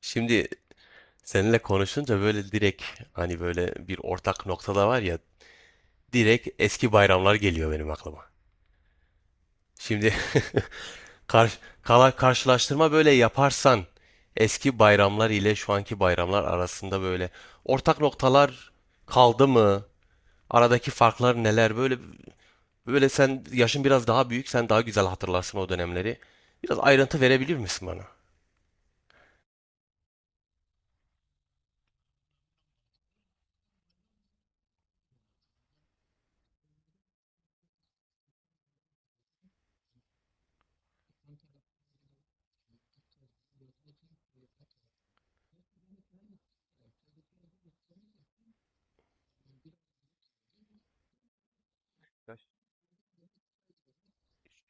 Şimdi seninle konuşunca böyle direkt, hani böyle bir ortak noktada var ya, direkt eski bayramlar geliyor benim aklıma. Şimdi karşılaştırma böyle yaparsan, eski bayramlar ile şu anki bayramlar arasında böyle ortak noktalar kaldı mı? Aradaki farklar neler? Böyle sen yaşın biraz daha büyük, sen daha güzel hatırlarsın o dönemleri. Biraz ayrıntı verebilir misin bana?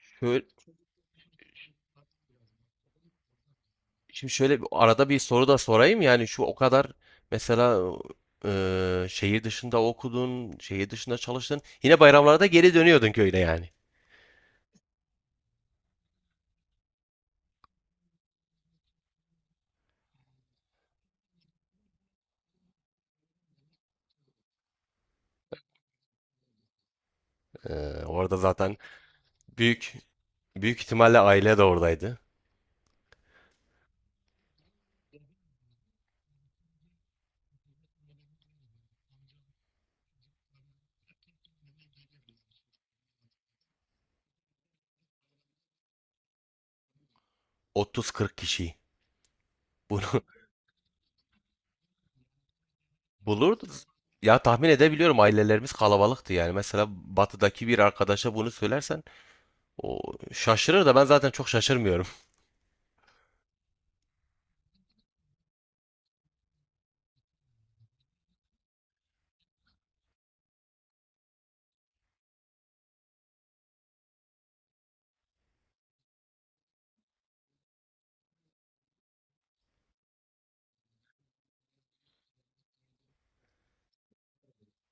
Şöyle, Şimdi arada bir soru da sorayım, yani şu o kadar mesela, şehir dışında okudun, şehir dışında çalıştın. Yine bayramlarda geri dönüyordun köyüne yani. E, Orada zaten büyük büyük ihtimalle aile de oradaydı. 30-40 kişi bunu bulurdu. Ya tahmin edebiliyorum, ailelerimiz kalabalıktı yani. Mesela batıdaki bir arkadaşa bunu söylersen o şaşırır da, ben zaten çok şaşırmıyorum.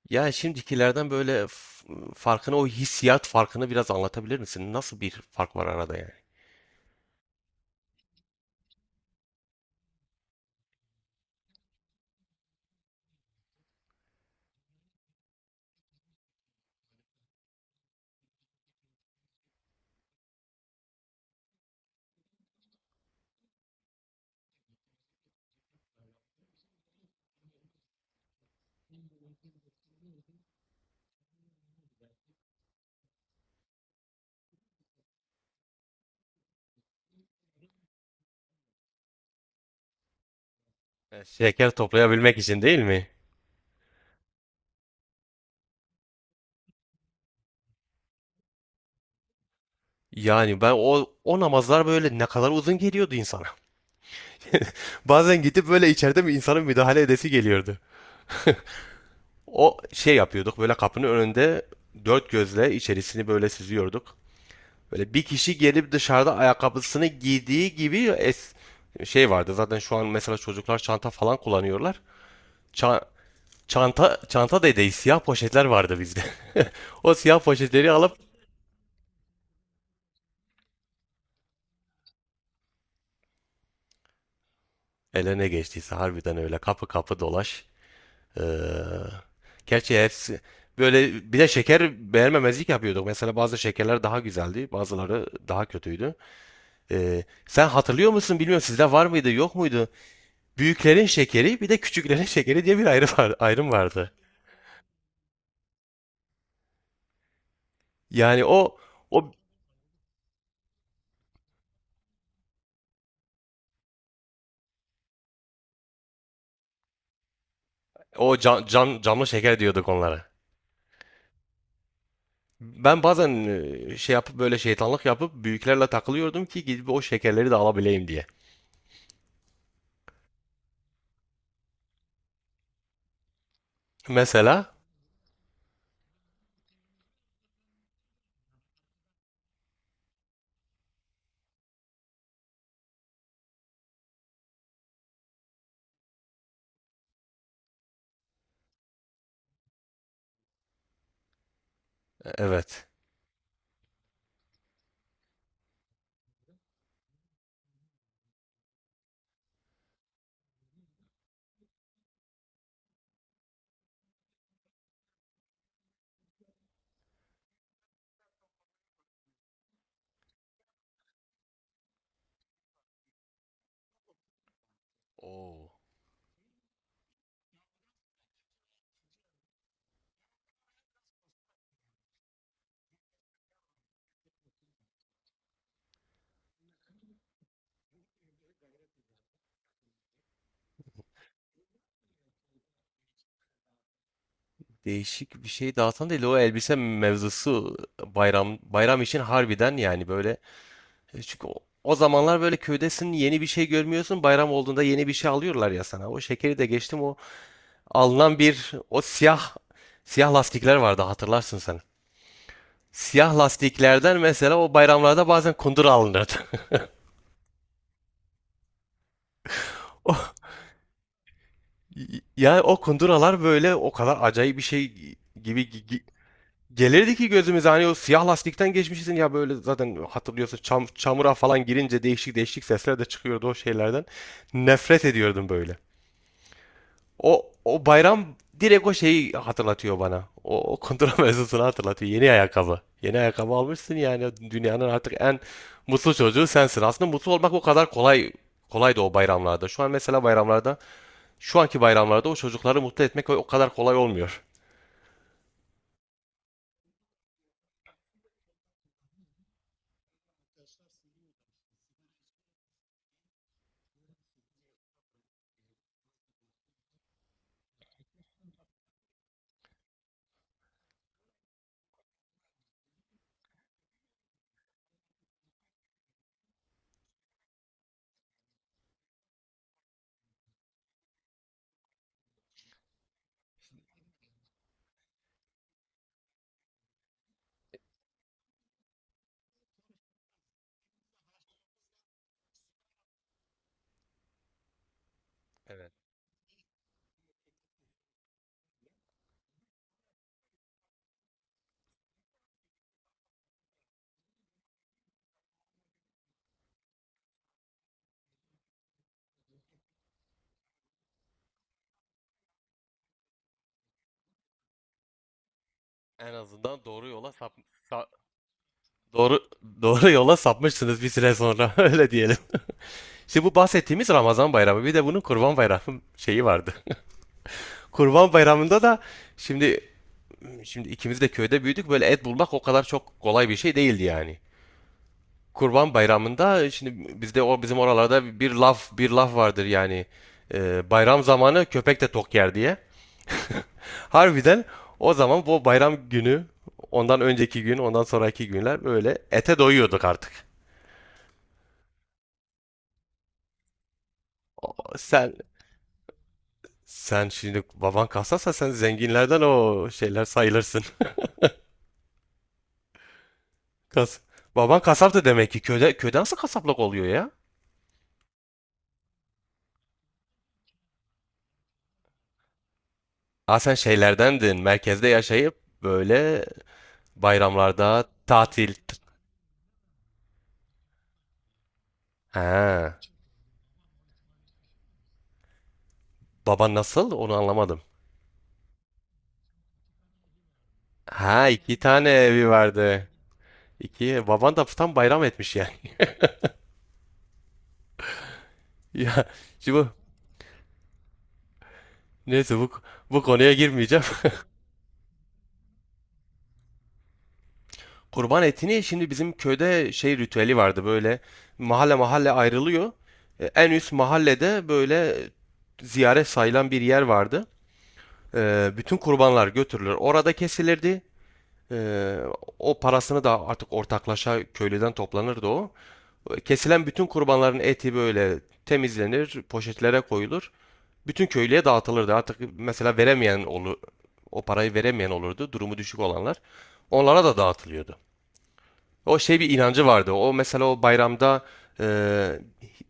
Ya şimdikilerden böyle farkını, o hissiyat farkını biraz anlatabilir misin? Nasıl bir fark var arada yani? Şeker toplayabilmek için değil mi? Yani ben, o namazlar böyle ne kadar uzun geliyordu insana. Bazen gidip böyle, içeride mi, insanın müdahale edesi geliyordu. O şey yapıyorduk böyle, kapının önünde dört gözle içerisini böyle süzüyorduk. Böyle bir kişi gelip dışarıda ayakkabısını giydiği gibi şey vardı. Zaten şu an mesela çocuklar çanta falan kullanıyorlar. Ça- çanta çanta dedeyi siyah poşetler vardı bizde. O siyah poşetleri alıp, eline geçtiyse harbiden, öyle kapı kapı dolaş. Ee, Gerçi hepsi böyle, bir de şeker beğenmemezlik yapıyorduk. Mesela bazı şekerler daha güzeldi, bazıları daha kötüydü. Sen hatırlıyor musun, bilmiyorum, sizde var mıydı, yok muydu? Büyüklerin şekeri bir de küçüklerin şekeri diye bir ayrım vardı. Yani o o o, camlı şeker diyorduk onlara. Ben bazen şey yapıp, böyle şeytanlık yapıp büyüklerle takılıyordum ki, gidip o şekerleri de alabileyim diye. Mesela, evet. Oo. Değişik bir şey dağıtan değil, o elbise mevzusu bayram için harbiden yani böyle. Çünkü o zamanlar böyle köydesin, yeni bir şey görmüyorsun, bayram olduğunda yeni bir şey alıyorlar ya sana. O şekeri de geçtim, o alınan bir, o siyah siyah lastikler vardı, hatırlarsın sen. Siyah lastiklerden mesela o bayramlarda bazen kundur alınırdı. Ya o kunduralar böyle o kadar acayip bir şey gibi gelirdi ki gözümüze, hani o siyah lastikten geçmişsin ya böyle, zaten hatırlıyorsun çamura falan girince değişik değişik sesler de çıkıyordu o şeylerden. Nefret ediyordum böyle. O bayram direkt o şeyi hatırlatıyor bana. O kundura mevzusunu hatırlatıyor. Yeni ayakkabı. Yeni ayakkabı almışsın yani, dünyanın artık en mutlu çocuğu sensin. Aslında mutlu olmak o kadar kolaydı o bayramlarda. Şu an mesela şu anki bayramlarda o çocukları mutlu etmek o kadar kolay olmuyor. Evet. En azından sa- doğru doğru yola sapmışsınız bir süre sonra öyle diyelim. Şimdi bu bahsettiğimiz Ramazan Bayramı, bir de bunun Kurban Bayramı şeyi vardı. Kurban Bayramı'nda da şimdi şimdi ikimiz de köyde büyüdük, böyle et bulmak o kadar çok kolay bir şey değildi yani. Kurban Bayramı'nda şimdi bizde, o bizim oralarda bir laf vardır yani. Bayram zamanı köpek de tok yer diye. Harbiden o zaman bu bayram günü, ondan önceki gün, ondan sonraki günler böyle ete doyuyorduk artık. O- Sen sen şimdi baban kasapsa sen zenginlerden o şeyler sayılırsın. Kas. Baban kasaptı demek ki, köyde nasıl kasaplık oluyor ya? Aa, sen şeylerdendin. Merkezde yaşayıp böyle, bayramlarda tatil. Ha. Baban nasıl? Onu anlamadım. Ha, iki tane evi vardı. İki. Baban da tam bayram etmiş yani. Ya, şimdi bu- neyse, bu konuya girmeyeceğim. Kurban etini, şimdi bizim köyde şey ritüeli vardı böyle, mahalle mahalle ayrılıyor. En üst mahallede böyle ziyaret sayılan bir yer vardı. Bütün kurbanlar götürülür, orada kesilirdi. E, O parasını da artık ortaklaşa köylüden toplanırdı o. Kesilen bütün kurbanların eti böyle temizlenir, poşetlere koyulur. Bütün köylüye dağıtılırdı. Artık mesela veremeyen olur, o parayı veremeyen olurdu. Durumu düşük olanlar. Onlara da dağıtılıyordu. O şey, bir inancı vardı. O mesela e,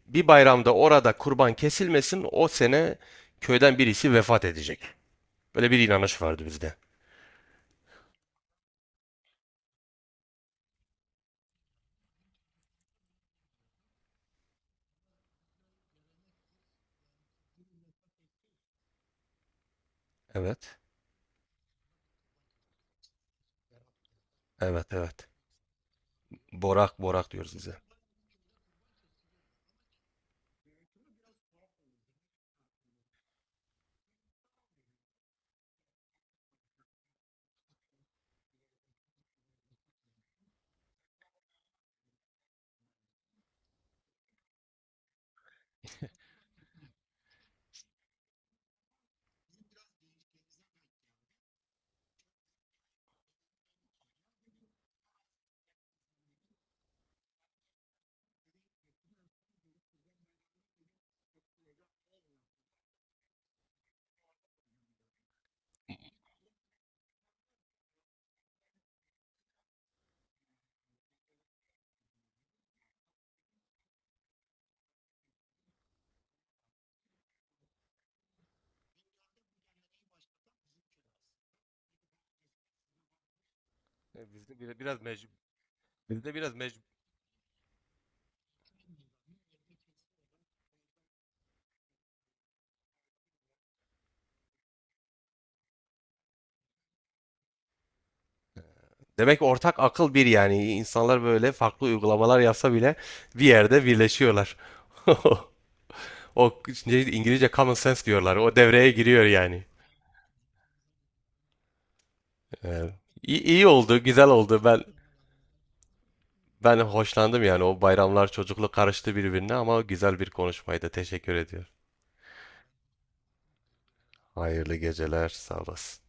bir bayramda orada kurban kesilmesin, o sene köyden birisi vefat edecek. Böyle bir inanış vardı bizde. Evet. Evet, evet. Borak borak diyoruz bize. Demek ortak akıl bir yani. İnsanlar böyle farklı uygulamalar yapsa bile bir yerde birleşiyorlar. O, İngilizce common sense diyorlar. O devreye giriyor yani. Evet. İyi, iyi oldu, güzel oldu. Ben hoşlandım yani. O bayramlar çocukluk karıştı birbirine ama güzel bir konuşmaydı. Teşekkür ediyorum. Hayırlı geceler, sağ olasın.